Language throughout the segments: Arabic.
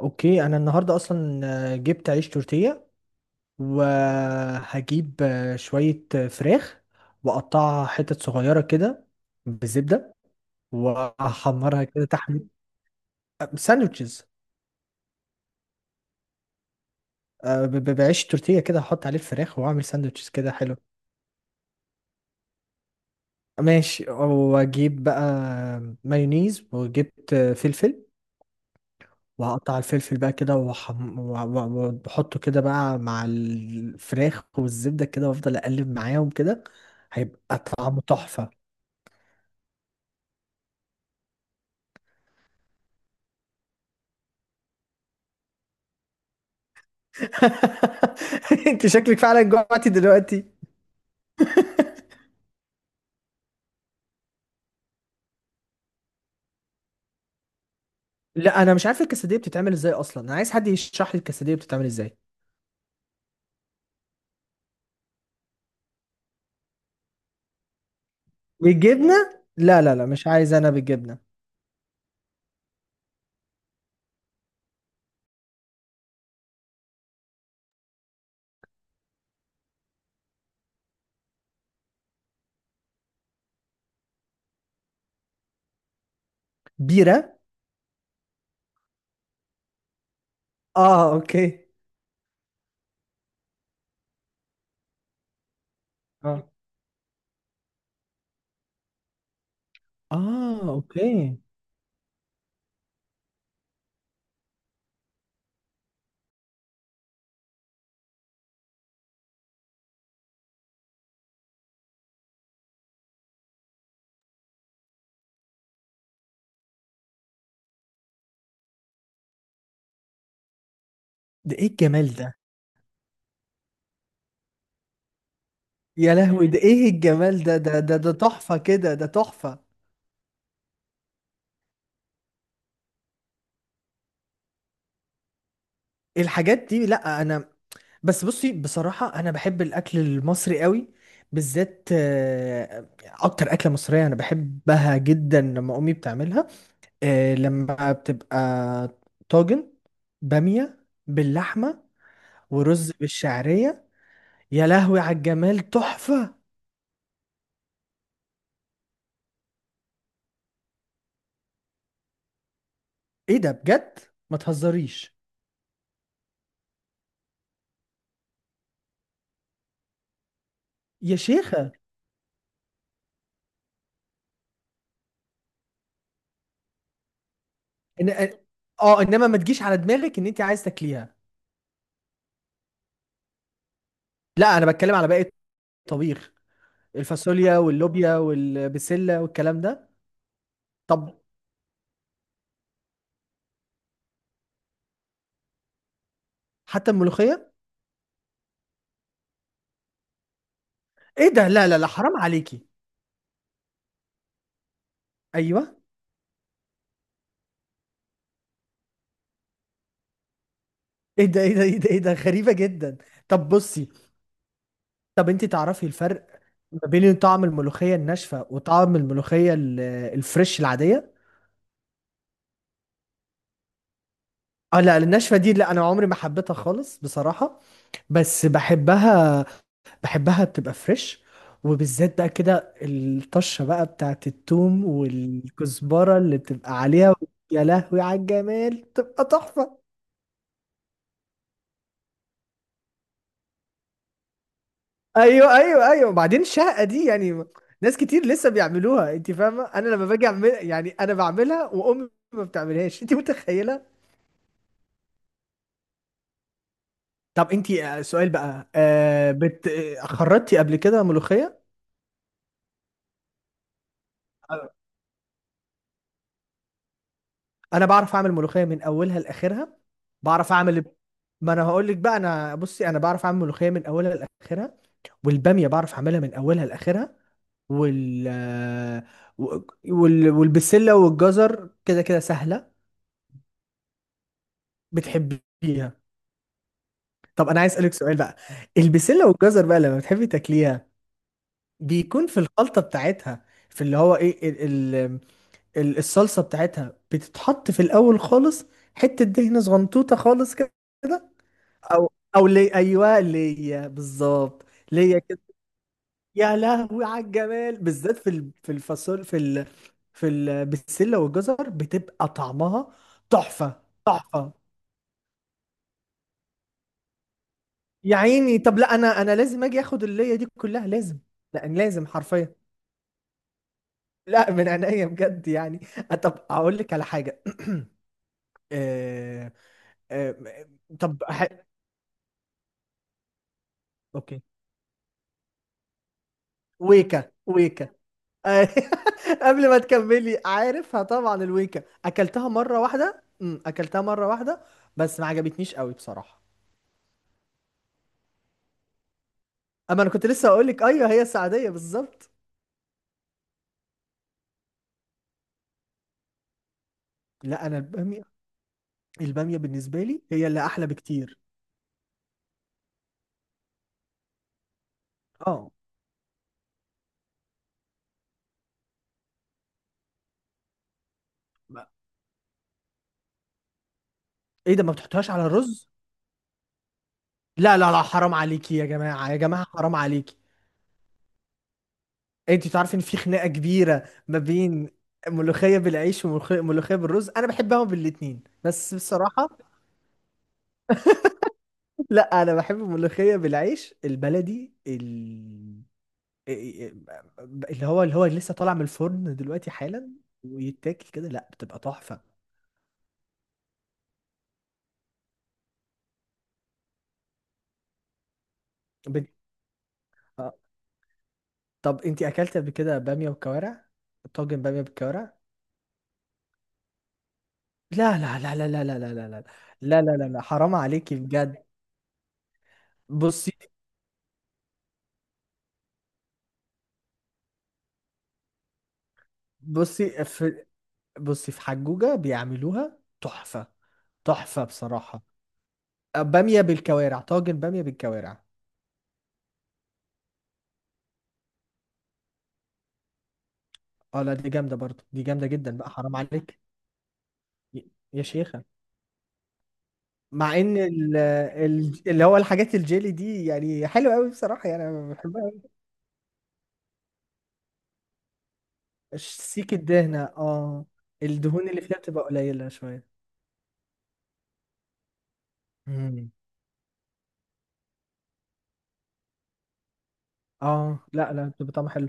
اوكي، انا النهارده اصلا، جبت عيش تورتيه. وهجيب شويه فراخ، واقطعها حتت صغيره كده بالزبده، واحمرها كده تحمير. ساندوتشز. بعيش تورتيه كده هحط عليه الفراخ واعمل ساندوتشز كده حلو. ماشي، واجيب بقى مايونيز، وجبت فلفل. وهقطع الفلفل بقى كده، وأحطه كده بقى مع الفراخ والزبدة كده، وأفضل أقلب معاهم كده. هيبقى طعمه تحفة. أنت شكلك فعلا جوعتي دلوقتي. لا، أنا مش عارف الكسدية بتتعمل إزاي، أصلا أنا عايز حد يشرح لي الكسدية بتتعمل إزاي. بالجبنة؟ لا لا لا، مش عايز أنا بالجبنة. بيرة؟ آه، أوكي. آه. آه، أوكي. ده إيه الجمال ده! يا لهوي، ده إيه الجمال ده ده ده ده تحفة كده، ده تحفة. الحاجات دي، لا انا... بس بصي، بصراحة انا بحب الاكل المصري قوي، بالذات اكتر اكلة مصرية انا بحبها جدا لما امي بتعملها. لما بتبقى طاجن بامية باللحمة، ورز بالشعرية. يا لهوي على الجمال، تحفة. ايه ده بجد؟ ما تهزريش. يا شيخة. إن... اه، انما ما تجيش على دماغك ان انت عايز تاكليها. لا انا بتكلم على باقي الطبيخ. الفاصوليا واللوبيا والبسلة والكلام ده. طب، حتى الملوخية. ايه ده؟ لا لا لا، حرام عليكي. ايوه. ايه ده؟ ايه ده؟ ايه ده؟ ايه ده؟ غريبة جدا. طب بصي. طب انت تعرفي الفرق ما بين طعم الملوخية الناشفة وطعم الملوخية الفريش العادية؟ اه لا، الناشفة دي لا، انا عمري ما حبيتها خالص بصراحة. بس بحبها، بحبها تبقى فريش. وبالذات بقى كده الطشة بقى بتاعت التوم والكزبرة اللي بتبقى عليها. يا لهوي على الجمال، بتبقى تحفة. ايوه، ايوه، ايوه. وبعدين الشهقة دي يعني، ناس كتير لسه بيعملوها، انت فاهمة؟ انا لما باجي اعمل يعني انا بعملها، وامي ما بتعملهاش. انت متخيلة؟ طب انت سؤال بقى. بت، خرطتي قبل كده ملوخية؟ انا بعرف اعمل ملوخيه من اولها لاخرها. بعرف اعمل... ما انا هقول لك بقى، انا... بصي، انا بعرف اعمل ملوخيه من اولها لاخرها، والباميه بعرف اعملها من اولها لاخرها. وال والبسله والجزر كده كده سهله. بتحبيها؟ طب انا عايز اسالك سؤال بقى. البسله والجزر بقى، لما بتحبي تاكليها بيكون في الخلطه بتاعتها، في اللي هو ايه، ال... الصلصه بتاعتها بتتحط في الاول خالص، حته دهنه صغنطوطه خالص كده؟ او لي، ايوه، ليا بالظبط، ليا كده. يا لهوي على الجمال. بالذات في ال- في الفاصول في ال... في ال... بالسله والجزر بتبقى طعمها تحفه، تحفه. يا عيني. طب لا، انا لازم اجي اخد الليا دي كلها. لازم. لا لازم حرفيا. لا من عينيا بجد يعني. طب اقول لك على حاجه. آه... آه... طب اوكي. ويكا، ويكا. قبل ما تكملي، عارفها طبعا، الويكا اكلتها مره واحده، اكلتها مره واحده. بس ما عجبتنيش قوي بصراحه. اما انا كنت لسه اقول لك، ايوه هي السعديه بالظبط. لا انا، الباميه بالنسبه لي هي اللي احلى بكتير. اه. ما- ايه ده، ما بتحطهاش على الرز؟ لا لا لا، حرام عليكي. يا جماعه يا جماعه، حرام عليكي. انت تعرفي ان في خناقه كبيره ما بين ملوخيه بالعيش وملوخيه ملوخية بالرز؟ انا بحبهم بالاتنين بس بصراحه. لا، انا بحب الملوخيه بالعيش البلدي، اللي هو لسه طالع من الفرن دلوقتي حالا، ويتاكل كده، لا بتبقى تحفه. ب... آه. طب انتي اكلت قبل كده باميه وكوارع؟ طاجن باميه بالكوارع. لا لا لا لا لا لا لا لا لا لا لا لا لا، حرام عليكي بجد. بصي بصي في بصي في حجوجه بيعملوها تحفه. تحفه بصراحه. باميه بالكوارع، طاجن باميه بالكوارع. اه لا، دي جامده برضو، دي جامده جدا بقى، حرام عليك. يا شيخة. مع ان اللي هو الحاجات الجيلي دي يعني حلوة قوي بصراحة، يعني انا بحبها قوي. سيك الدهنة، اه. الدهون اللي فيها بتبقى قليلة شوية. مم. اه لا لا، بتبقى طعمها حلو.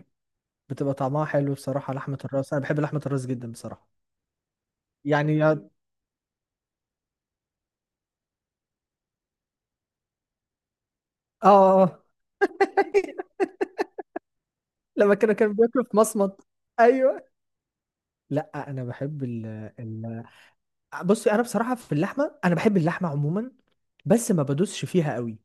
بتبقى طعمها حلو بصراحة. لحمة الراس، انا بحب لحمة الراس جدا بصراحة. يعني اه، اه. لما كانوا بياكلوا في مصمت. ايوه. لا انا بحب بصي، انا بصراحه في اللحمه، انا بحب اللحمه عموما، بس ما بدوسش فيها قوي.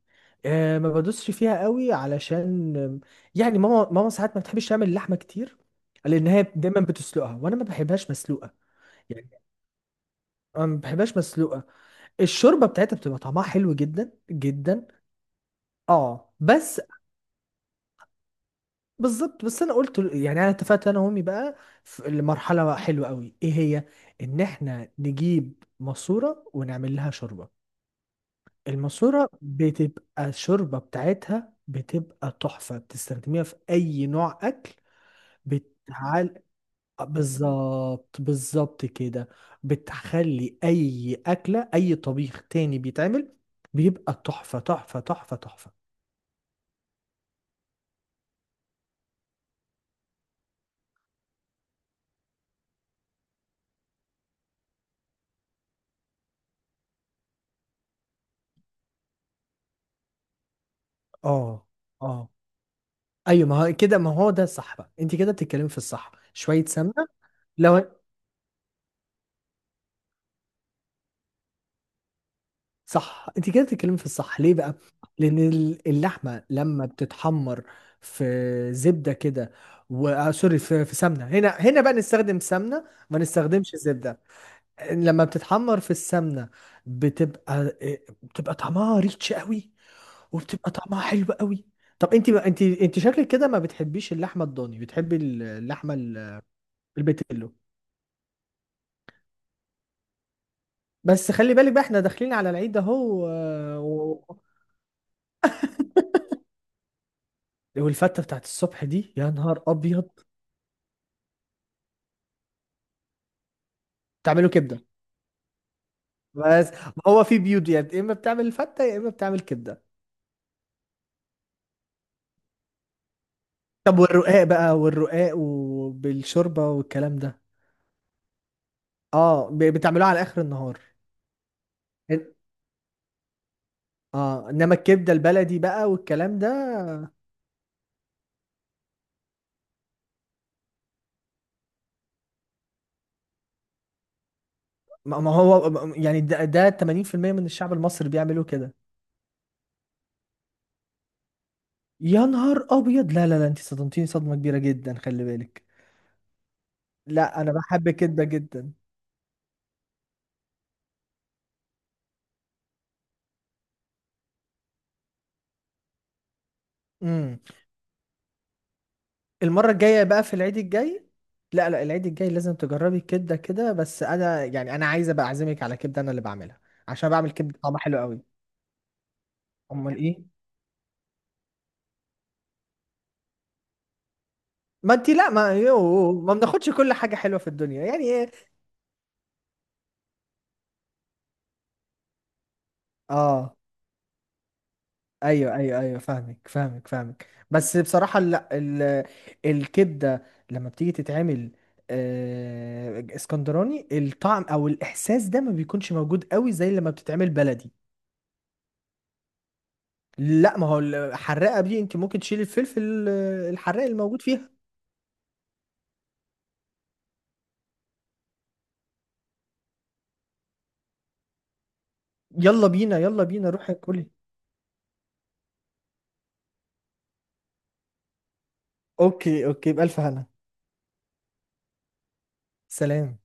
أه ما بدوسش فيها قوي علشان يعني ماما ساعات ما بتحبش تعمل اللحمه كتير، لان هي دايما بتسلقها وانا ما بحبهاش مسلوقه. يعني أنا ما بحبهاش مسلوقه. الشوربه بتاعتها بتبقى طعمها حلو جدا جدا، اه. بس بالظبط، بس انا يعني، انا اتفقت انا وامي بقى في لمرحله حلوه قوي، ايه هي، ان احنا نجيب ماسوره ونعمل لها شوربه. الماسورة بتبقى الشوربة بتاعتها بتبقى تحفة، بتستخدميها في أي نوع أكل. بتعال، بالظبط بالظبط كده. بتخلي أي أكلة، أي طبيخ تاني بيتعمل، بيبقى تحفة تحفة تحفة تحفة. اه، اه، ايوه ما هو كده، ما هو ده صح بقى. انت كده بتتكلمي في الصح. شويه سمنه، لو صح. انت كده بتتكلمي في الصح ليه بقى؟ لان اللحمه لما بتتحمر في زبده كده و... آه سوري، في سمنه، هنا هنا بقى نستخدم سمنه، ما نستخدمش زبده. لما بتتحمر في السمنه بتبقى بتبقى طعمها ريتش قوي، وبتبقى طعمها حلو قوي. طب انت شكلك كده ما بتحبيش اللحمه الضاني، بتحبي اللحمه البيتيلو. بس خلي بالك بقى احنا داخلين على العيد اهو. والفته بتاعت الصبح دي، يا نهار ابيض. بتعمله كبده بس. ما هو في بيوت يعني، يا اما بتعمل الفته يا اما بتعمل كبده. طب والرقاق بقى، والرقاق وبالشوربه والكلام ده؟ اه، بتعملوه على اخر النهار. إن- اه، انما الكبده البلدي بقى والكلام ده، ما هو يعني، ده 80% من الشعب المصري بيعملوا كده. يا نهار ابيض، لا لا لا، انت صدمتيني صدمه كبيره جدا، خلي بالك. لا، انا بحب كده جدا. إمم. المرة الجاية بقى في العيد الجاي، لا لا العيد الجاي لازم تجربي الكبدة كده، بس انا يعني، انا عايز ابقى اعزمك على كبدة انا اللي بعملها، عشان بعمل كبدة طعمها حلو قوي. امال ايه؟ ما انت، لا، ما بناخدش كل حاجة حلوة في الدنيا يعني، ايه. اه، ايوه ايوه ايوه، فاهمك فاهمك فاهمك، بس بصراحة لا، الكبدة لما بتيجي تتعمل اسكندراني، الطعم او الاحساس ده ما بيكونش موجود قوي زي لما بتتعمل بلدي. لا، ما هو الحراقه دي انت ممكن تشيل الفلفل، الحراق الموجود فيها. يلا بينا، يلا بينا، روحي كلي. اوكي، اوكي، بألف هنا. سلام.